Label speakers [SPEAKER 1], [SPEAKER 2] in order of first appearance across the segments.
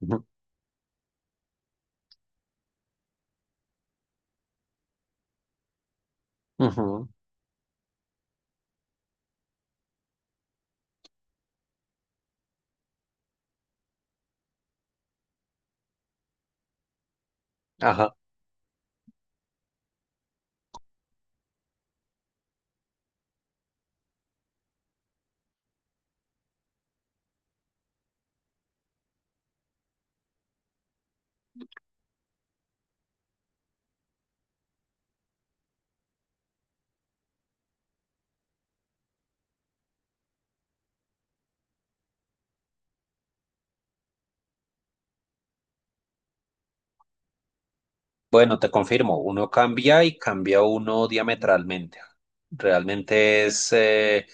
[SPEAKER 1] Ujú, ujú, ajá. Bueno, te confirmo, uno cambia y cambia uno diametralmente. Realmente es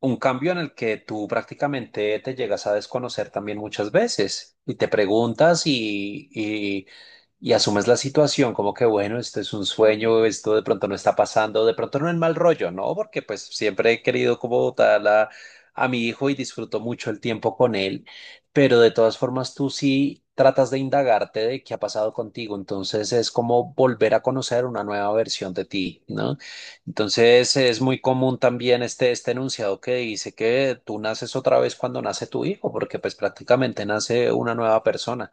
[SPEAKER 1] un cambio en el que tú prácticamente te llegas a desconocer también muchas veces y te preguntas y asumes la situación como que, bueno, esto es un sueño, esto de pronto no está pasando, de pronto no es mal rollo, ¿no? Porque pues siempre he querido como tal a mi hijo y disfruto mucho el tiempo con él. Pero de todas formas, tú sí tratas de indagarte de qué ha pasado contigo, entonces es como volver a conocer una nueva versión de ti, ¿no? Entonces es muy común también este enunciado que dice que tú naces otra vez cuando nace tu hijo, porque pues prácticamente nace una nueva persona.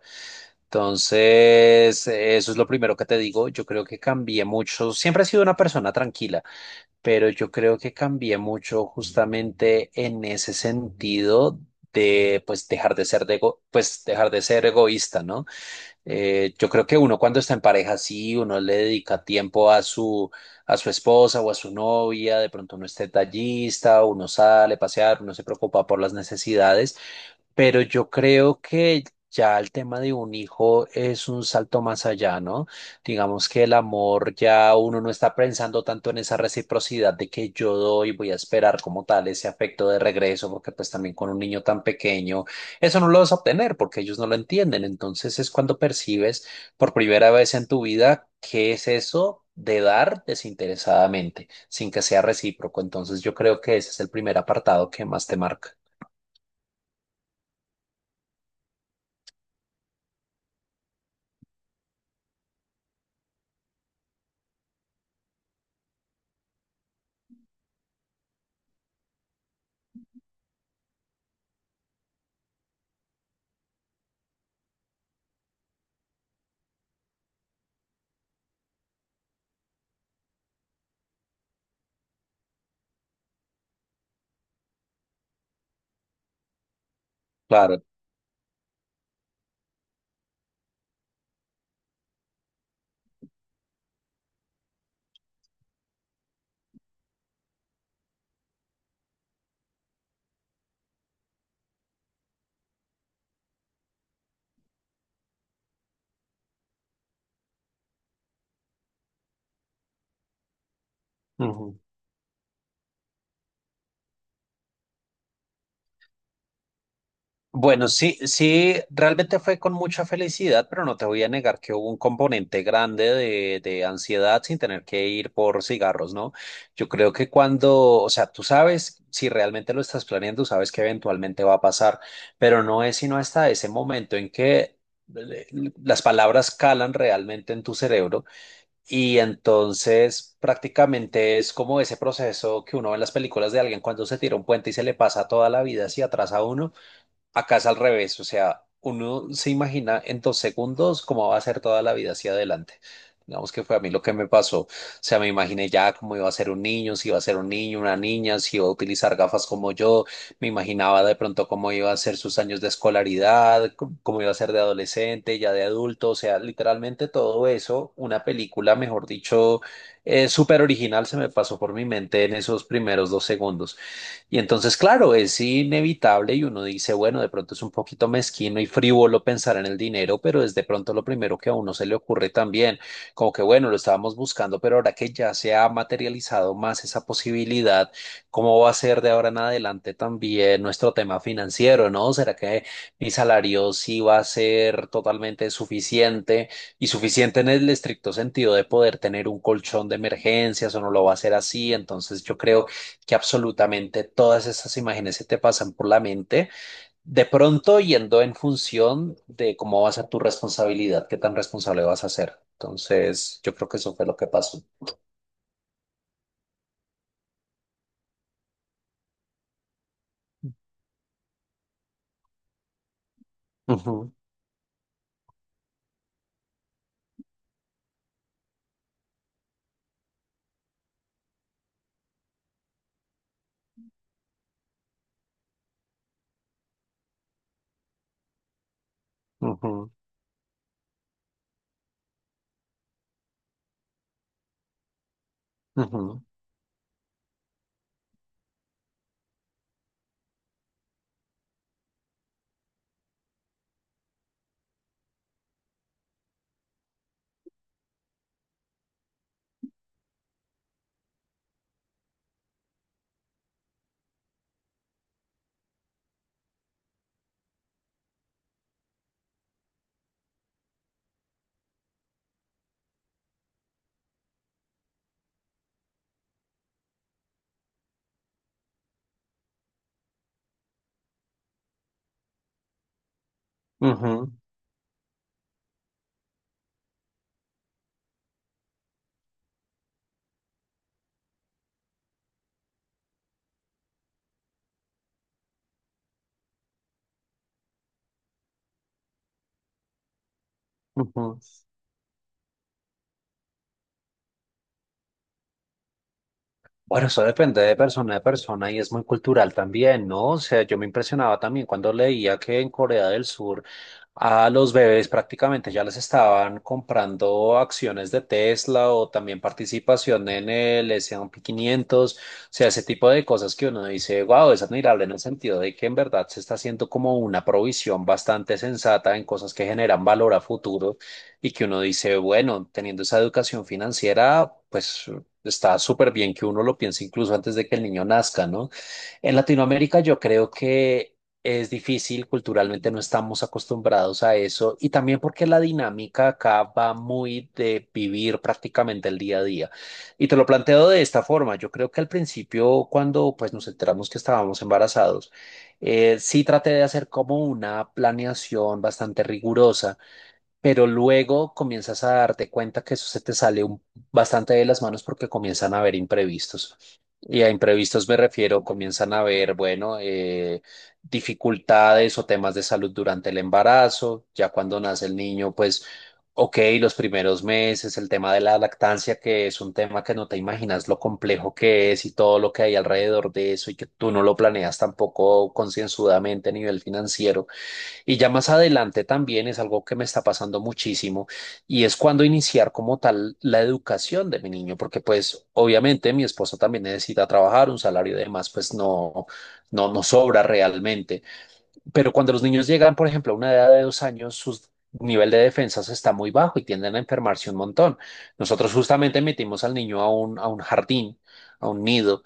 [SPEAKER 1] Entonces, eso es lo primero que te digo, yo creo que cambié mucho, siempre he sido una persona tranquila pero yo creo que cambié mucho justamente en ese sentido de pues dejar de ser pues dejar de ser egoísta, ¿no? Yo creo que uno cuando está en pareja sí, uno le dedica tiempo a su esposa o a su novia, de pronto uno es detallista, uno sale a pasear, uno se preocupa por las necesidades, pero yo creo que ya el tema de un hijo es un salto más allá, ¿no? Digamos que el amor ya uno no está pensando tanto en esa reciprocidad de que yo doy, voy a esperar como tal ese afecto de regreso, porque pues también con un niño tan pequeño, eso no lo vas a obtener porque ellos no lo entienden. Entonces es cuando percibes por primera vez en tu vida qué es eso de dar desinteresadamente, sin que sea recíproco. Entonces yo creo que ese es el primer apartado que más te marca. Claro. Ujú. Bueno, sí, sí, realmente fue con mucha felicidad, pero no te voy a negar que hubo un componente grande de ansiedad sin tener que ir por cigarros, ¿no? Yo creo que cuando, o sea, tú sabes, si realmente lo estás planeando, sabes que eventualmente va a pasar, pero no es sino hasta ese momento en que eh, las palabras calan realmente en tu cerebro y entonces prácticamente es como ese proceso que uno ve en las películas de alguien cuando se tira un puente y se le pasa toda la vida hacia atrás a uno. Acá es al revés, o sea, uno se imagina en 2 segundos cómo va a ser toda la vida hacia adelante. Digamos que fue a mí lo que me pasó. O sea, me imaginé ya cómo iba a ser un niño, si iba a ser un niño, una niña, si iba a utilizar gafas como yo. Me imaginaba de pronto cómo iba a ser sus años de escolaridad, cómo iba a ser de adolescente, ya de adulto. O sea, literalmente todo eso, una película, mejor dicho, súper original, se me pasó por mi mente en esos primeros 2 segundos. Y entonces, claro, es inevitable y uno dice, bueno, de pronto es un poquito mezquino y frívolo pensar en el dinero, pero es de pronto lo primero que a uno se le ocurre también, como que, bueno, lo estábamos buscando, pero ahora que ya se ha materializado más esa posibilidad, ¿cómo va a ser de ahora en adelante también nuestro tema financiero, ¿no? ¿Será que mi salario sí va a ser totalmente suficiente y suficiente en el estricto sentido de poder tener un colchón de emergencias o no lo va a ser así? Entonces, yo creo que absolutamente todas esas imágenes se te pasan por la mente, de pronto yendo en función de cómo va a ser tu responsabilidad, qué tan responsable vas a ser. Entonces, yo creo que eso fue lo que pasó. Ujú, ujú, ujú, ujú, ujú. Bueno, eso depende de persona a persona y es muy cultural también, ¿no? O sea, yo me impresionaba también cuando leía que en Corea del Sur a los bebés prácticamente ya les estaban comprando acciones de Tesla o también participación en el S&P 500, o sea, ese tipo de cosas que uno dice, wow, es admirable en el sentido de que en verdad se está haciendo como una provisión bastante sensata en cosas que generan valor a futuro y que uno dice, bueno, teniendo esa educación financiera, pues está súper bien que uno lo piense incluso antes de que el niño nazca, ¿no? En Latinoamérica yo creo que es difícil, culturalmente no estamos acostumbrados a eso y también porque la dinámica acá va muy de vivir prácticamente el día a día. Y te lo planteo de esta forma, yo creo que al principio cuando pues nos enteramos que estábamos embarazados, sí traté de hacer como una planeación bastante rigurosa pero luego comienzas a darte cuenta que eso se te sale bastante de las manos porque comienzan a haber imprevistos. Y a imprevistos me refiero, comienzan a haber, bueno, dificultades o temas de salud durante el embarazo, ya cuando nace el niño, pues, ok, los primeros meses, el tema de la lactancia, que es un tema que no te imaginas lo complejo que es y todo lo que hay alrededor de eso y que tú no lo planeas tampoco concienzudamente a nivel financiero. Y ya más adelante también es algo que me está pasando muchísimo y es cuando iniciar como tal la educación de mi niño, porque pues obviamente mi esposa también necesita trabajar, un salario y demás, pues no, no, no sobra realmente. Pero cuando los niños llegan, por ejemplo, a una edad de 2 años, su nivel de defensas está muy bajo y tienden a enfermarse un montón. Nosotros justamente metimos al niño a un jardín, a un nido,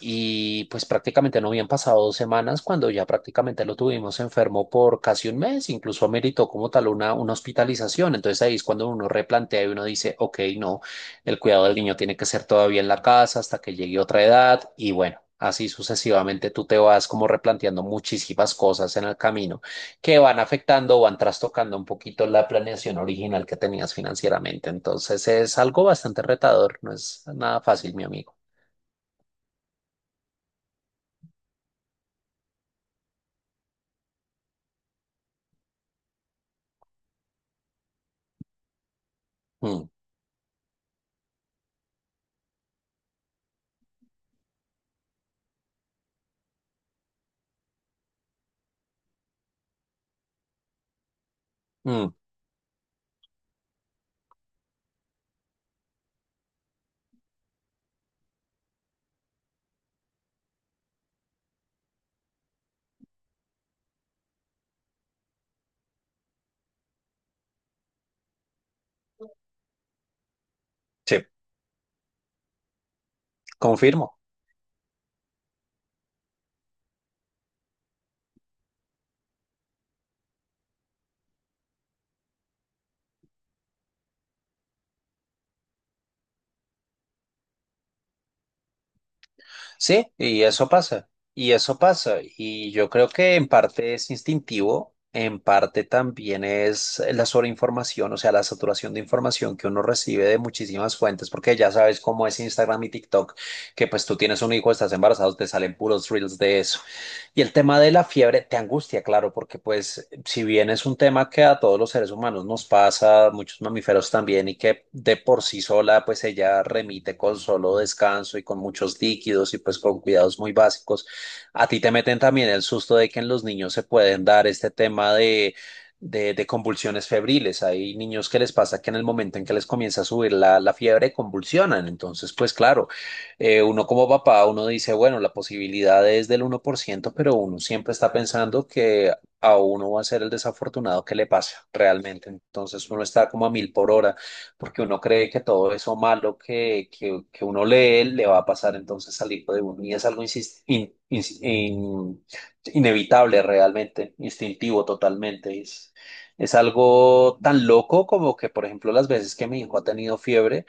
[SPEAKER 1] y pues prácticamente no habían pasado 2 semanas cuando ya prácticamente lo tuvimos enfermo por casi un mes, incluso ameritó como tal una hospitalización. Entonces ahí es cuando uno replantea y uno dice, ok, no. El cuidado del niño tiene que ser todavía en la casa hasta que llegue otra edad y bueno, así sucesivamente tú te vas como replanteando muchísimas cosas en el camino que van afectando o van trastocando un poquito la planeación original que tenías financieramente. Entonces es algo bastante retador, no es nada fácil, mi amigo. Mm, mm, sí, confirmo. Sí, y eso pasa, y eso pasa, y yo creo que en parte es instintivo, en parte también es la sobreinformación, o sea, la saturación de información que uno recibe de muchísimas fuentes, porque ya sabes cómo es Instagram y TikTok, que pues tú tienes un hijo, estás embarazado, te salen puros reels de eso. Y el tema de la fiebre te angustia, claro, porque pues si bien es un tema que a todos los seres humanos nos pasa, muchos mamíferos también, y que de por sí sola pues ella remite con solo descanso y con muchos líquidos y pues con cuidados muy básicos, a ti te meten también el susto de que en los niños se pueden dar este tema de... de convulsiones febriles. Hay niños que les pasa que en el momento en que les comienza a subir la, la fiebre convulsionan. Entonces, pues claro, uno como papá, uno dice, bueno, la posibilidad es del 1% pero uno siempre está pensando que a uno va a ser el desafortunado que le pasa realmente. Entonces uno está como a mil por hora, porque uno cree que todo eso malo que uno lee le va a pasar entonces al hijo de uno. Y es algo inevitable realmente, instintivo totalmente. Es algo tan loco como que, por ejemplo, las veces que mi hijo ha tenido fiebre,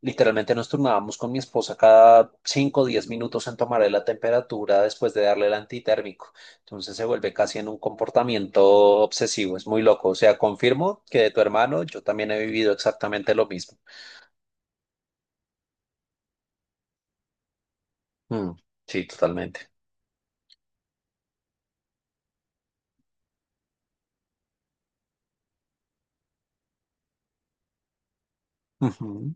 [SPEAKER 1] literalmente nos turnábamos con mi esposa cada cinco, o 10 minutos en tomarle la temperatura después de darle el antitérmico. Entonces se vuelve casi en un comportamiento obsesivo, es muy loco. O sea, confirmo que de tu hermano yo también he vivido exactamente lo mismo. Mm, sí, totalmente. Ujú.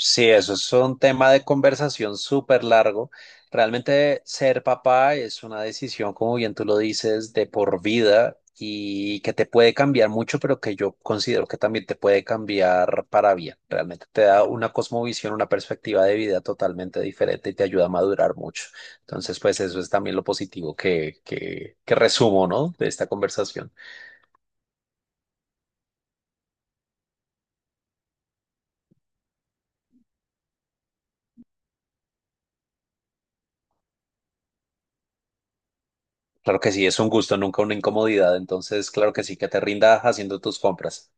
[SPEAKER 1] Sí, eso es un tema de conversación súper largo. Realmente ser papá es una decisión, como bien tú lo dices, de por vida y que te puede cambiar mucho, pero que yo considero que también te puede cambiar para bien. Realmente te da una cosmovisión, una perspectiva de vida totalmente diferente y te ayuda a madurar mucho. Entonces, pues eso es también lo positivo que resumo, ¿no? De esta conversación. Claro que sí, es un gusto, nunca una incomodidad. Entonces, claro que sí, que te rindas haciendo tus compras.